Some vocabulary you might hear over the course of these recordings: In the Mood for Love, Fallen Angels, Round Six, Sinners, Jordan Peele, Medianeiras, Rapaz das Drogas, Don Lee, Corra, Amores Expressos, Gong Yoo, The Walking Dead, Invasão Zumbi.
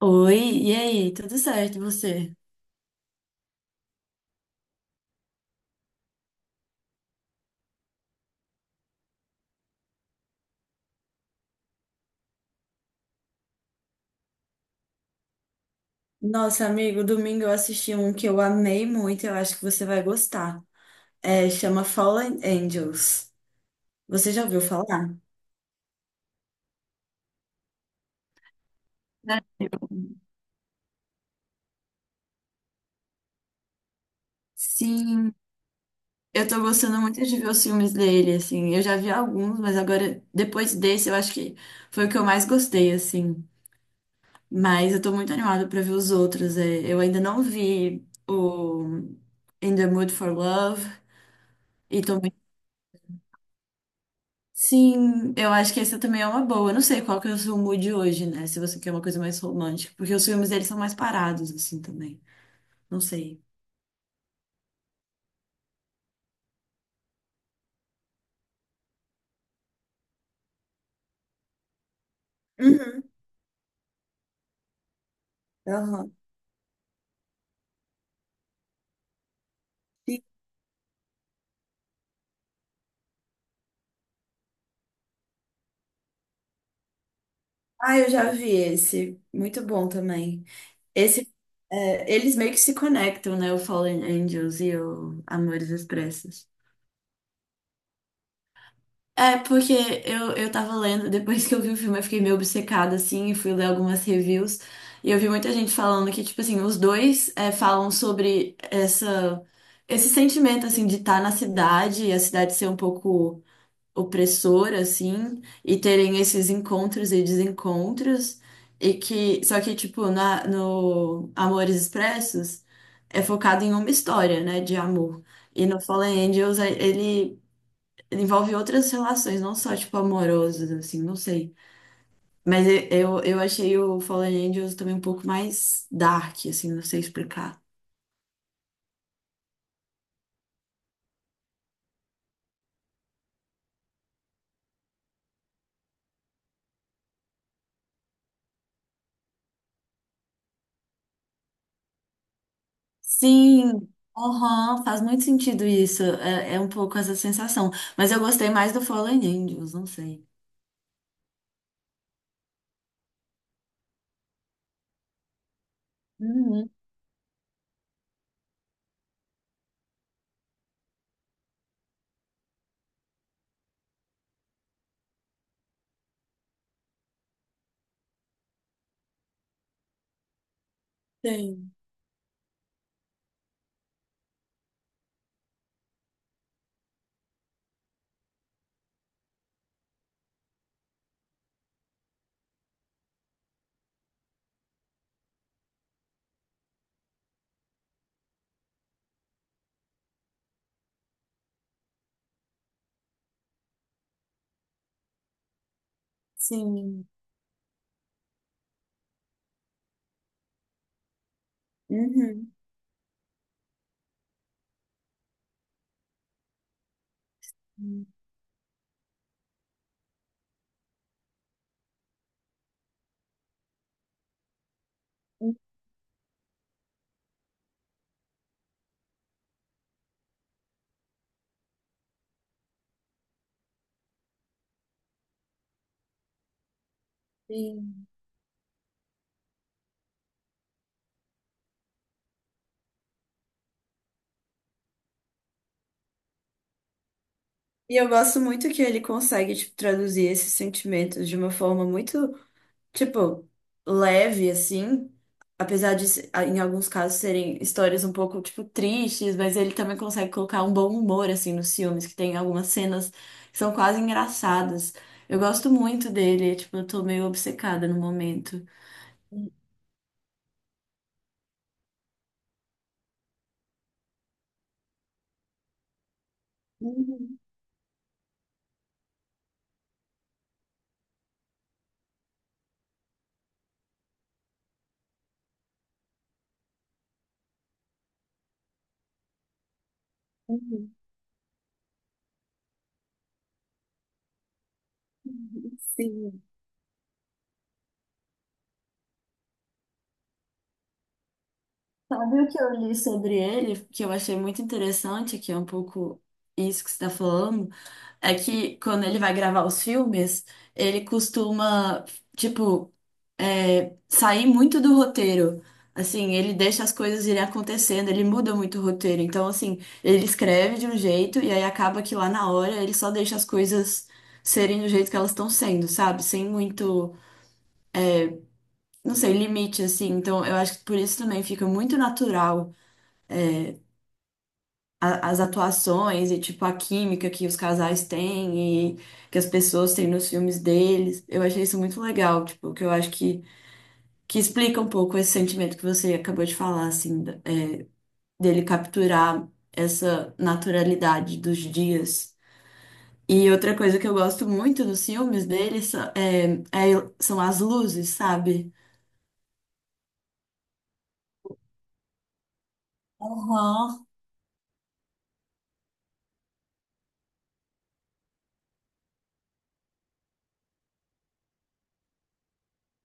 Oi, e aí? Tudo certo, e você? Nossa, amigo, domingo eu assisti um que eu amei muito, eu acho que você vai gostar. É, chama Fallen Angels. Você já ouviu falar? Né? Sim, eu tô gostando muito de ver os filmes dele, assim. Eu já vi alguns, mas agora, depois desse, eu acho que foi o que eu mais gostei, assim. Mas eu tô muito animada pra ver os outros. É. Eu ainda não vi o In the Mood for Love. E tô muito. Sim, eu acho que essa também é uma boa. Eu não sei qual que é o seu mood hoje, né? Se você quer uma coisa mais romântica, porque os filmes deles são mais parados, assim, também. Não sei. Uhum. Aham. E- Ah, eu já vi esse. Muito bom também. Esse, é, eles meio que se conectam, né? O Fallen Angels e o Amores Expressos. É, porque eu tava lendo, depois que eu vi o filme, eu fiquei meio obcecada, assim, e fui ler algumas reviews. E eu vi muita gente falando que, tipo assim, os dois é, falam sobre essa, esse sentimento, assim, de estar na cidade e a cidade ser um pouco opressora, assim, e terem esses encontros e desencontros. E que, só que, tipo, no Amores Expressos é focado em uma história, né, de amor. E no Fallen Angels, ele envolve outras relações, não só, tipo, amorosas, assim, não sei. Mas eu achei o Fallen Angels também um pouco mais dark, assim, não sei explicar. Sim, aham, faz muito sentido isso. É, é um pouco essa sensação. Mas eu gostei mais do Fallen Angels, não sei. Uhum, tem, sim. Uhum. Sim. E eu gosto muito que ele consegue, tipo, traduzir esses sentimentos de uma forma muito, tipo, leve, assim. Apesar de, em alguns casos, serem histórias um pouco, tipo, tristes, mas ele também consegue colocar um bom humor, assim, nos filmes, que tem algumas cenas que são quase engraçadas. Eu gosto muito dele, é, tipo, eu tô meio obcecada no momento. Uhum, uhum. Sim. Sabe o que eu li sobre ele, que eu achei muito interessante, que é um pouco isso que você está falando, é que quando ele vai gravar os filmes, ele costuma, tipo, é, sair muito do roteiro. Assim, ele deixa as coisas irem acontecendo, ele muda muito o roteiro. Então, assim, ele escreve de um jeito e aí acaba que lá na hora ele só deixa as coisas serem do jeito que elas estão sendo, sabe? Sem muito, não sei, limite, assim. Então, eu acho que por isso também fica muito natural as atuações e, tipo, a química que os casais têm e que as pessoas têm nos filmes deles. Eu achei isso muito legal, tipo, que eu acho que explica um pouco esse sentimento que você acabou de falar, assim, dele capturar essa naturalidade dos dias. E outra coisa que eu gosto muito nos filmes deles são, é, é- são as luzes, sabe? Aham.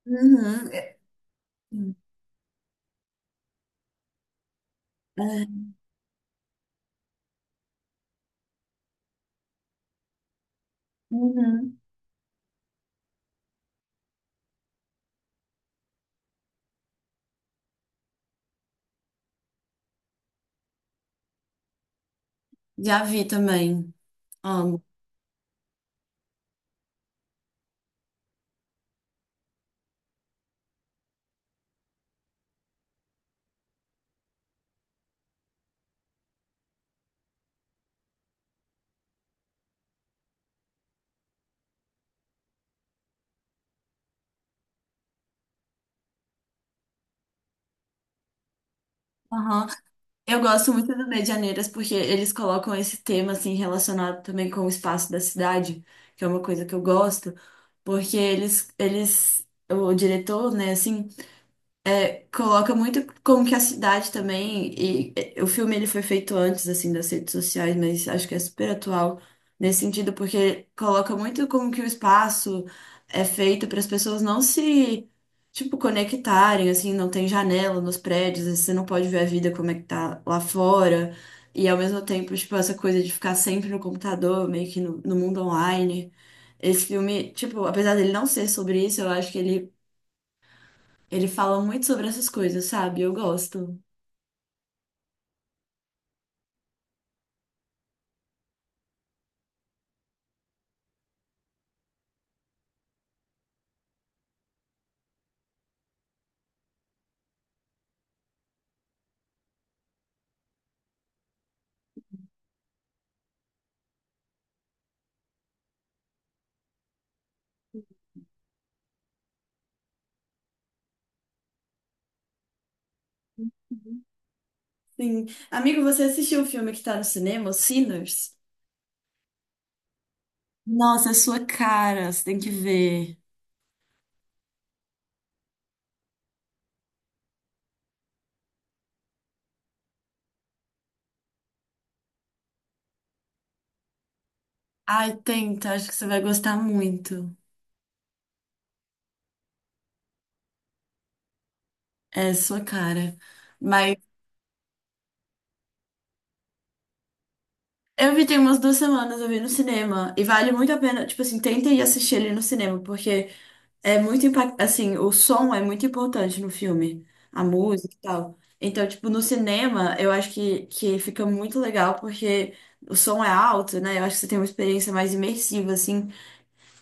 Uhum. É, uhum. Já vi também. Amo. Aham. Eu gosto muito do Medianeiras porque eles colocam esse tema assim relacionado também com o espaço da cidade, que é uma coisa que eu gosto, porque eles o diretor, né, assim, coloca muito como que a cidade também, e eh, o filme ele foi feito antes assim das redes sociais, mas acho que é super atual nesse sentido, porque coloca muito como que o espaço é feito para as pessoas não se, tipo, conectarem, assim, não tem janela nos prédios, você não pode ver a vida como é que tá lá fora. E ao mesmo tempo, tipo, essa coisa de ficar sempre no computador, meio que no mundo online. Esse filme, tipo, apesar dele não ser sobre isso, eu acho que ele fala muito sobre essas coisas, sabe? Eu gosto. Sim. Amigo, você assistiu o filme que tá no cinema, o Sinners? Nossa, é sua cara, você tem que ver. Ai, tenta, acho que você vai gostar muito. É sua cara. Mas eu vi tem umas duas semanas, eu vi no cinema. E vale muito a pena, tipo assim, tenta ir assistir ele no cinema, porque é muito impactante, assim, o som é muito importante no filme, a música e tal. Então, tipo, no cinema, eu acho que fica muito legal porque o som é alto, né? Eu acho que você tem uma experiência mais imersiva, assim.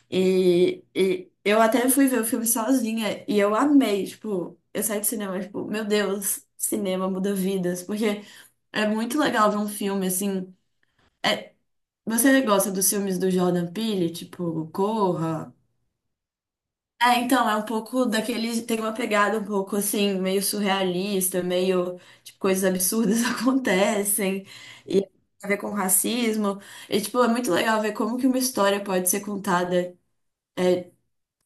E eu até fui ver o filme sozinha e eu amei, tipo, eu saí do cinema, tipo, meu Deus, cinema muda vidas, porque é muito legal ver um filme, assim. é- Você gosta dos filmes do Jordan Peele, tipo, Corra? É, então, é um pouco daquele. Tem uma pegada um pouco assim, meio surrealista, meio. Tipo, coisas absurdas acontecem. E tem a ver com racismo. E, tipo, é muito legal ver como que uma história pode ser contada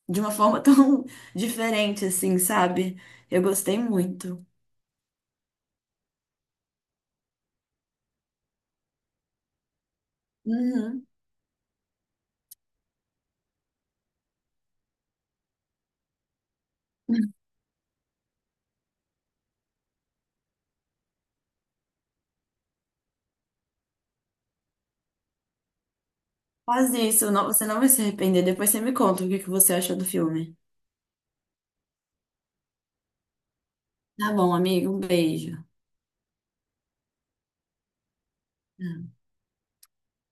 de uma forma tão diferente, assim, sabe? Eu gostei muito. Uhum. Faz isso, não- você não vai se arrepender. Depois você me conta o que que você achou do filme. Tá bom, amigo, um beijo.